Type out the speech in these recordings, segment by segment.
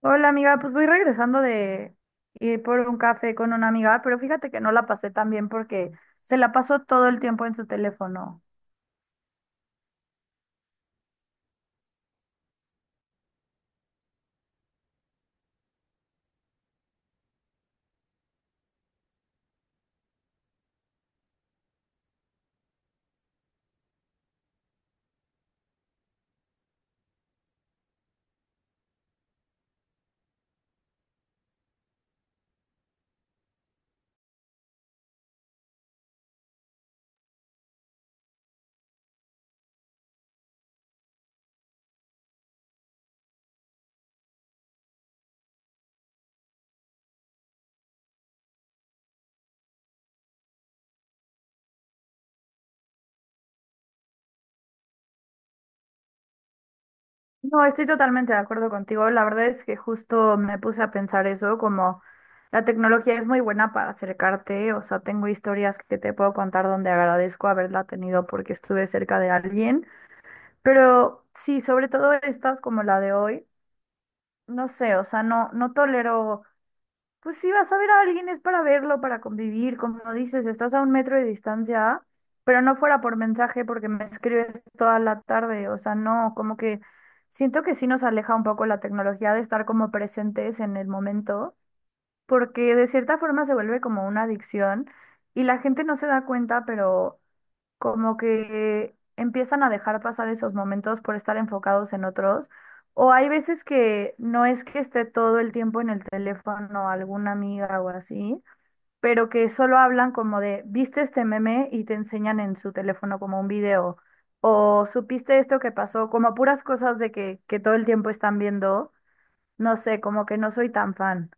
Hola amiga, pues voy regresando de ir por un café con una amiga, pero fíjate que no la pasé tan bien porque se la pasó todo el tiempo en su teléfono. No, estoy totalmente de acuerdo contigo. La verdad es que justo me puse a pensar eso, como la tecnología es muy buena para acercarte, o sea, tengo historias que te puedo contar donde agradezco haberla tenido porque estuve cerca de alguien, pero sí, sobre todo estas como la de hoy, no sé, o sea, no, no tolero. Pues si vas a ver a alguien es para verlo, para convivir, como dices, estás a un metro de distancia, ah, pero no fuera por mensaje porque me escribes toda la tarde, o sea, no, como que siento que sí nos aleja un poco la tecnología de estar como presentes en el momento, porque de cierta forma se vuelve como una adicción y la gente no se da cuenta, pero como que empiezan a dejar pasar esos momentos por estar enfocados en otros. O hay veces que no es que esté todo el tiempo en el teléfono alguna amiga o así, pero que solo hablan como de, viste este meme y te enseñan en su teléfono como un video, o supiste esto que pasó, como puras cosas de que todo el tiempo están viendo, no sé, como que no soy tan fan.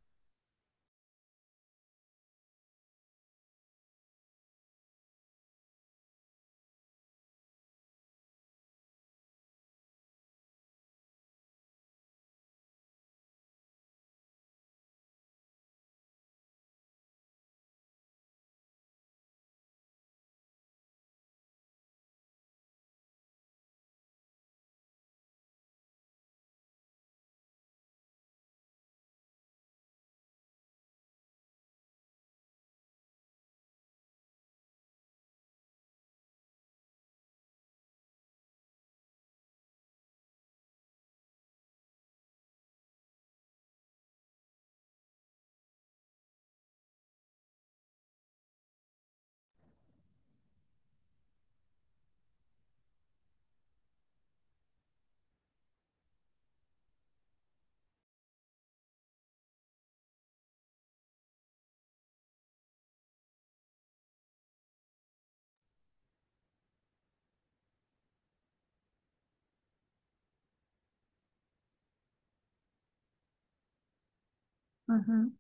Ujú.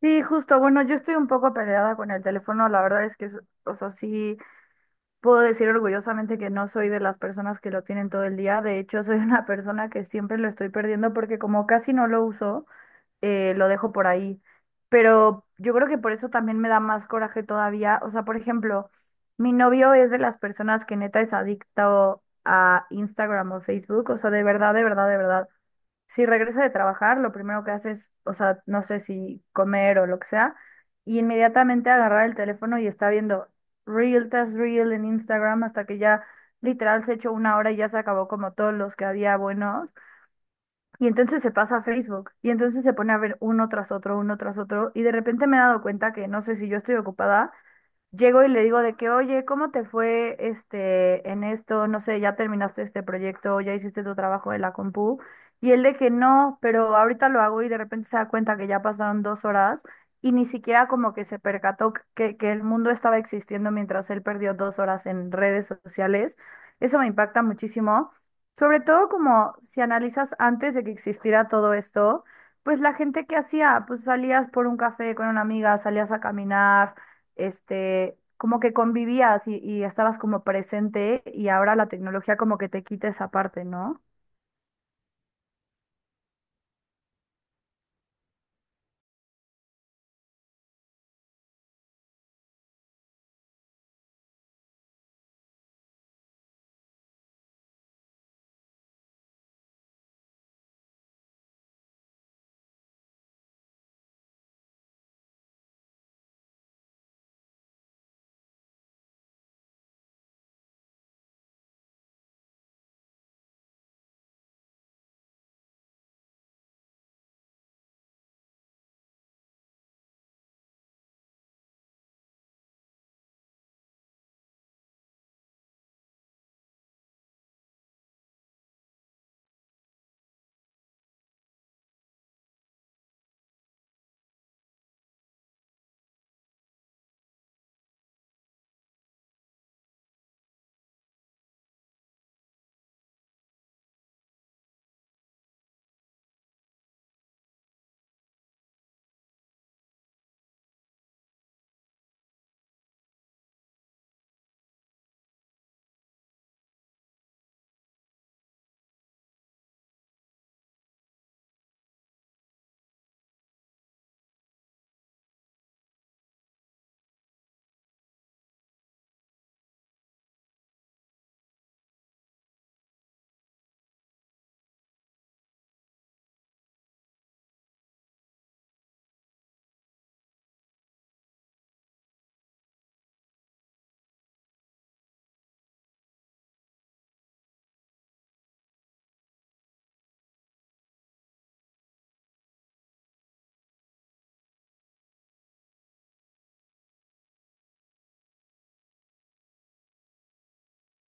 Sí, justo, bueno, yo estoy un poco peleada con el teléfono, la verdad es que, o sea, sí. Puedo decir orgullosamente que no soy de las personas que lo tienen todo el día. De hecho, soy una persona que siempre lo estoy perdiendo porque como casi no lo uso, lo dejo por ahí. Pero yo creo que por eso también me da más coraje todavía. O sea, por ejemplo, mi novio es de las personas que neta es adicto a Instagram o Facebook. O sea, de verdad, de verdad, de verdad, si regresa de trabajar, lo primero que hace es, o sea, no sé si comer o lo que sea, y inmediatamente agarrar el teléfono y está viendo Reel tras Reel en Instagram hasta que ya literal se echó una hora y ya se acabó como todos los que había buenos. Y entonces se pasa a Facebook y entonces se pone a ver uno tras otro, y de repente me he dado cuenta que no sé si yo estoy ocupada. Llego y le digo de que, oye, ¿cómo te fue este en esto? No sé, ya terminaste este proyecto, ya hiciste tu trabajo de la compu. Y él de que no, pero ahorita lo hago, y de repente se da cuenta que ya pasaron dos horas y ni siquiera como que se percató que el mundo estaba existiendo mientras él perdió dos horas en redes sociales. Eso me impacta muchísimo. Sobre todo como si analizas antes de que existiera todo esto, pues la gente que hacía, pues salías por un café con una amiga, salías a caminar este, como que convivías y estabas como presente, y ahora la tecnología como que te quita esa parte, ¿no?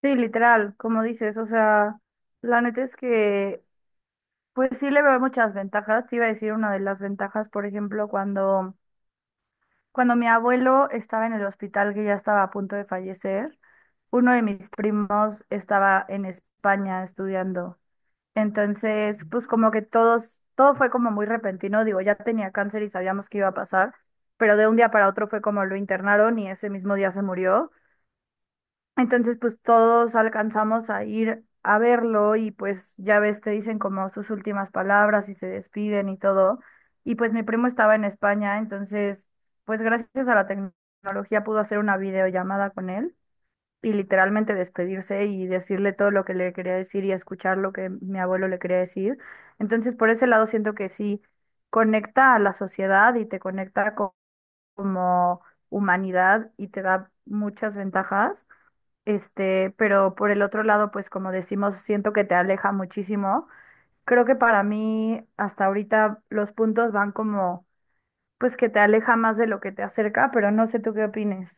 Sí, literal, como dices, o sea, la neta es que, pues sí le veo muchas ventajas. Te iba a decir una de las ventajas, por ejemplo, cuando, cuando mi abuelo estaba en el hospital que ya estaba a punto de fallecer, uno de mis primos estaba en España estudiando. Entonces, pues como que todos, todo fue como muy repentino, digo, ya tenía cáncer y sabíamos que iba a pasar, pero de un día para otro fue como lo internaron y ese mismo día se murió. Entonces, pues todos alcanzamos a ir a verlo y pues ya ves, te dicen como sus últimas palabras y se despiden y todo. Y pues mi primo estaba en España, entonces, pues gracias a la tecnología pudo hacer una videollamada con él y literalmente despedirse y decirle todo lo que le quería decir y escuchar lo que mi abuelo le quería decir. Entonces, por ese lado siento que sí conecta a la sociedad y te conecta como humanidad y te da muchas ventajas. Este, pero por el otro lado, pues como decimos, siento que te aleja muchísimo. Creo que para mí hasta ahorita los puntos van como pues que te aleja más de lo que te acerca, pero no sé tú qué opines.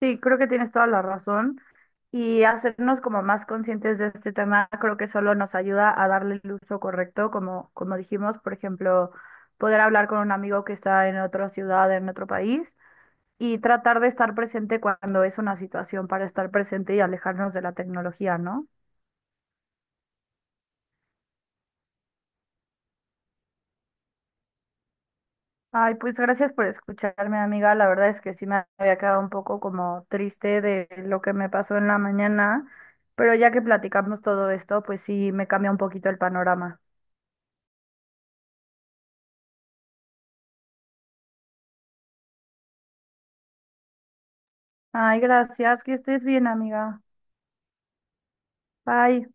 Sí, creo que tienes toda la razón. Y hacernos como más conscientes de este tema, creo que solo nos ayuda a darle el uso correcto, como, como dijimos, por ejemplo, poder hablar con un amigo que está en otra ciudad, en otro país, y tratar de estar presente cuando es una situación para estar presente y alejarnos de la tecnología, ¿no? Ay, pues gracias por escucharme, amiga. La verdad es que sí me había quedado un poco como triste de lo que me pasó en la mañana, pero ya que platicamos todo esto, pues sí me cambia un poquito el panorama. Ay, gracias, que estés bien, amiga. Bye.